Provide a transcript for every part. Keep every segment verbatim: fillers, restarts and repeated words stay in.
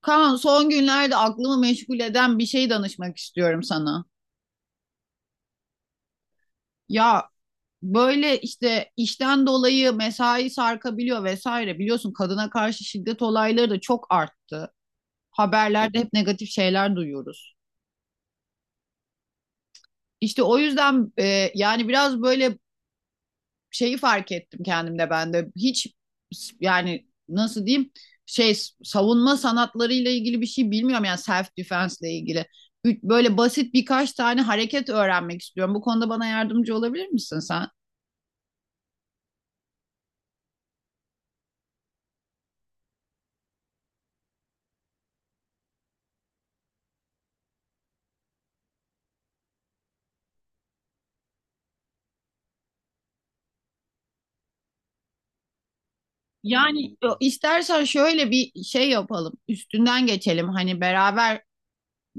Kaan, son günlerde aklımı meşgul eden bir şey danışmak istiyorum sana. Ya böyle işte işten dolayı mesai sarkabiliyor vesaire. Biliyorsun kadına karşı şiddet olayları da çok arttı. Haberlerde hep negatif şeyler duyuyoruz. İşte o yüzden e, yani biraz böyle şeyi fark ettim kendimde ben de. Hiç yani nasıl diyeyim şey savunma sanatlarıyla ilgili bir şey bilmiyorum, yani self defense ile ilgili. Böyle basit birkaç tane hareket öğrenmek istiyorum. Bu konuda bana yardımcı olabilir misin sen? Yani istersen şöyle bir şey yapalım. Üstünden geçelim. Hani beraber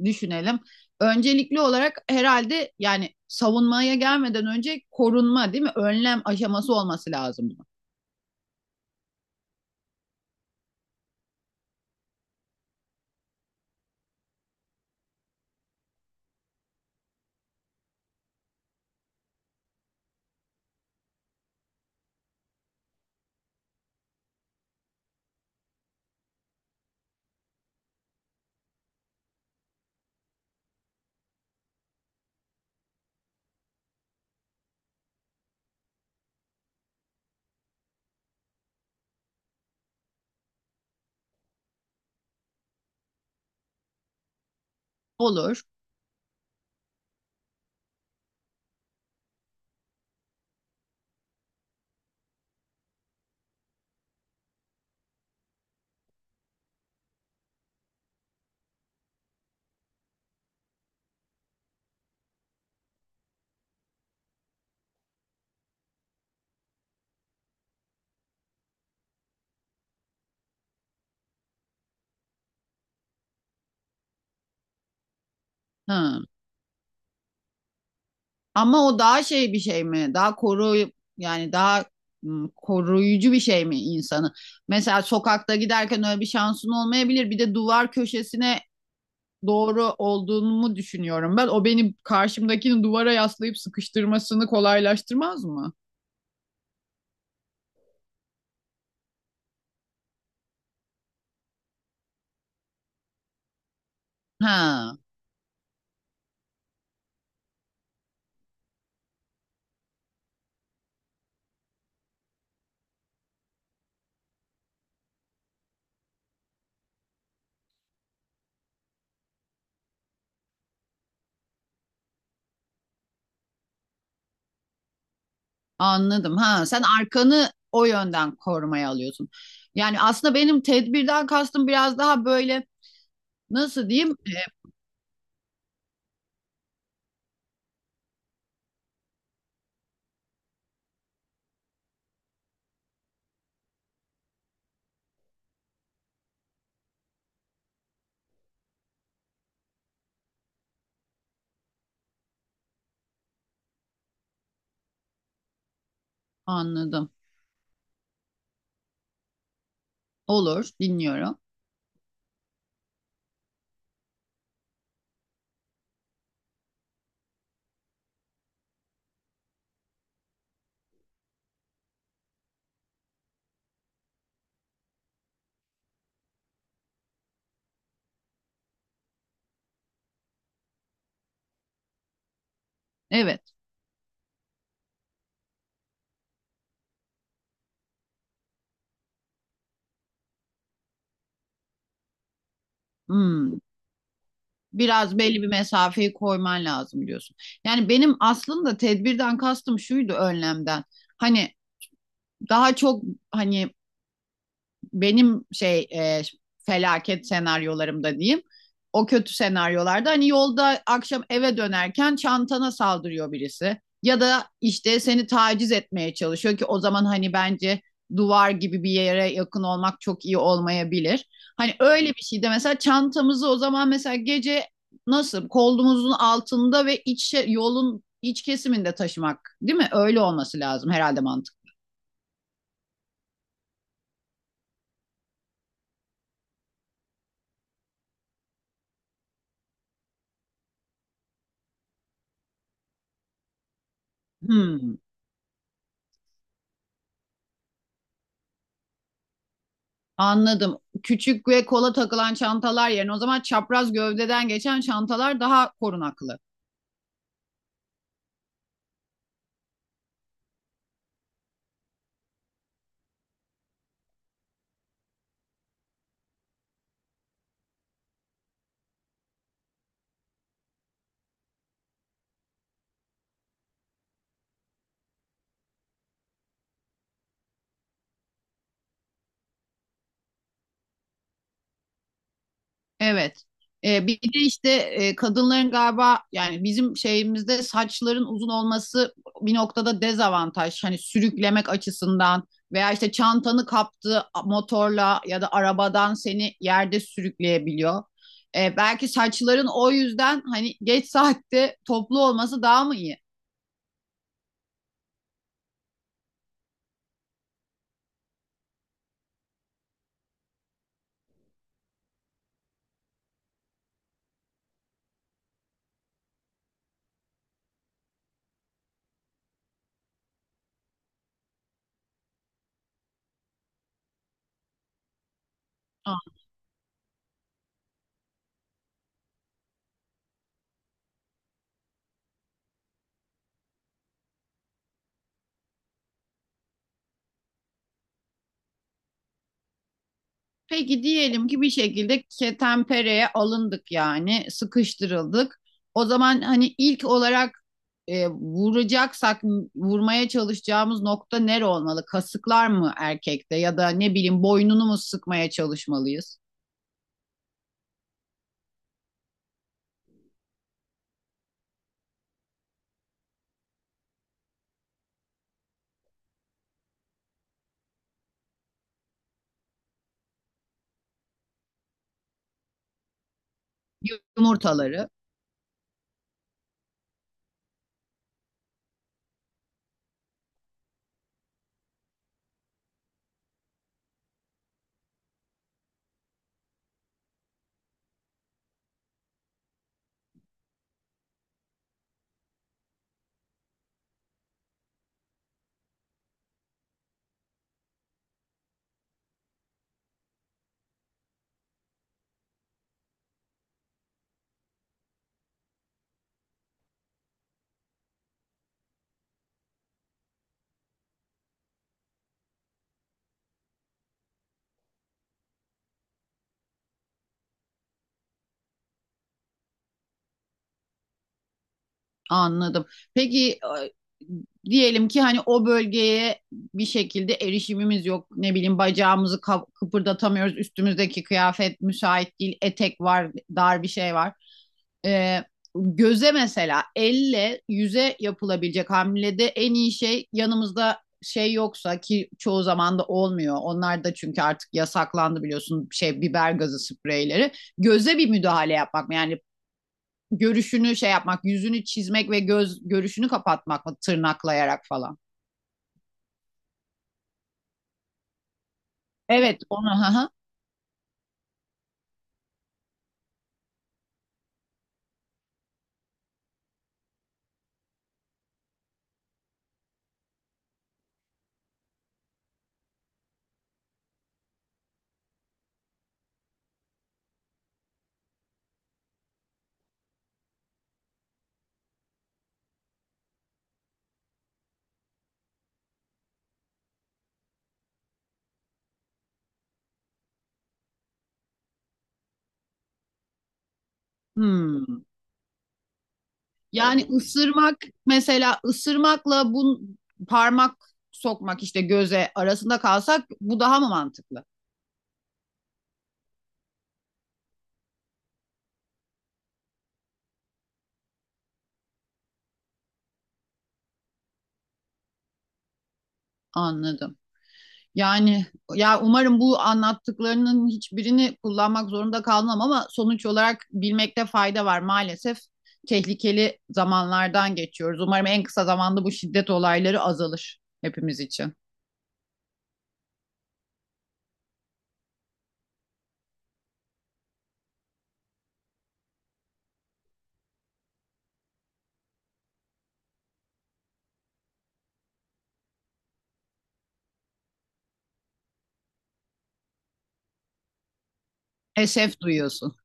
düşünelim. Öncelikli olarak herhalde yani savunmaya gelmeden önce korunma, değil mi? Önlem aşaması olması lazım bunun. Olur. Hı. Ama o daha şey bir şey mi? Daha koru yani daha m, koruyucu bir şey mi insanı? Mesela sokakta giderken öyle bir şansın olmayabilir. Bir de duvar köşesine doğru olduğumu düşünüyorum ben. O beni karşımdakini duvara yaslayıp sıkıştırmasını kolaylaştırmaz mı? Ha, anladım. Ha, sen arkanı o yönden korumaya alıyorsun. Yani aslında benim tedbirden kastım biraz daha böyle nasıl diyeyim? E, anladım. Olur, dinliyorum. Evet. Hmm. Biraz belli bir mesafeyi koyman lazım diyorsun. Yani benim aslında tedbirden kastım şuydu, önlemden. Hani daha çok hani benim şey e, felaket senaryolarımda diyeyim. O kötü senaryolarda hani yolda akşam eve dönerken çantana saldırıyor birisi. Ya da işte seni taciz etmeye çalışıyor ki o zaman hani bence duvar gibi bir yere yakın olmak çok iyi olmayabilir. Hani öyle bir şeyde mesela çantamızı o zaman mesela gece nasıl kolumuzun altında ve iç yolun iç kesiminde taşımak değil mi? Öyle olması lazım herhalde mantık. Hmm. Anladım. Küçük ve kola takılan çantalar yerine o zaman çapraz gövdeden geçen çantalar daha korunaklı. Evet. Ee, bir de işte e, kadınların galiba yani bizim şeyimizde saçların uzun olması bir noktada dezavantaj. Hani sürüklemek açısından veya işte çantanı kaptığı motorla ya da arabadan seni yerde sürükleyebiliyor. Ee, belki saçların o yüzden hani geç saatte toplu olması daha mı iyi? Peki diyelim ki bir şekilde ketenpereye alındık, yani sıkıştırıldık. O zaman hani ilk olarak e, vuracaksak vurmaya çalışacağımız nokta nere olmalı? Kasıklar mı erkekte, ya da ne bileyim boynunu mu sıkmaya çalışmalıyız? Yumurtaları. Anladım. Peki e, diyelim ki hani o bölgeye bir şekilde erişimimiz yok. Ne bileyim bacağımızı kap- kıpırdatamıyoruz. Üstümüzdeki kıyafet müsait değil. Etek var, dar bir şey var. E, göze mesela elle yüze yapılabilecek hamlede en iyi şey yanımızda şey yoksa ki çoğu zaman da olmuyor. Onlar da çünkü artık yasaklandı biliyorsun şey biber gazı spreyleri. Göze bir müdahale yapmak yani görüşünü şey yapmak, yüzünü çizmek ve göz görüşünü kapatmak mı tırnaklayarak falan? Evet, onu. Hı hı. Hmm. Yani ısırmak mesela ısırmakla bu parmak sokmak işte göze arasında kalsak bu daha mı mantıklı? Anladım. Yani ya umarım bu anlattıklarının hiçbirini kullanmak zorunda kalmam ama sonuç olarak bilmekte fayda var. Maalesef tehlikeli zamanlardan geçiyoruz. Umarım en kısa zamanda bu şiddet olayları azalır hepimiz için. Esef duyuyorsun.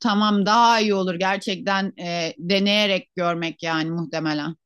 Tamam, daha iyi olur gerçekten, e, deneyerek görmek yani muhtemelen.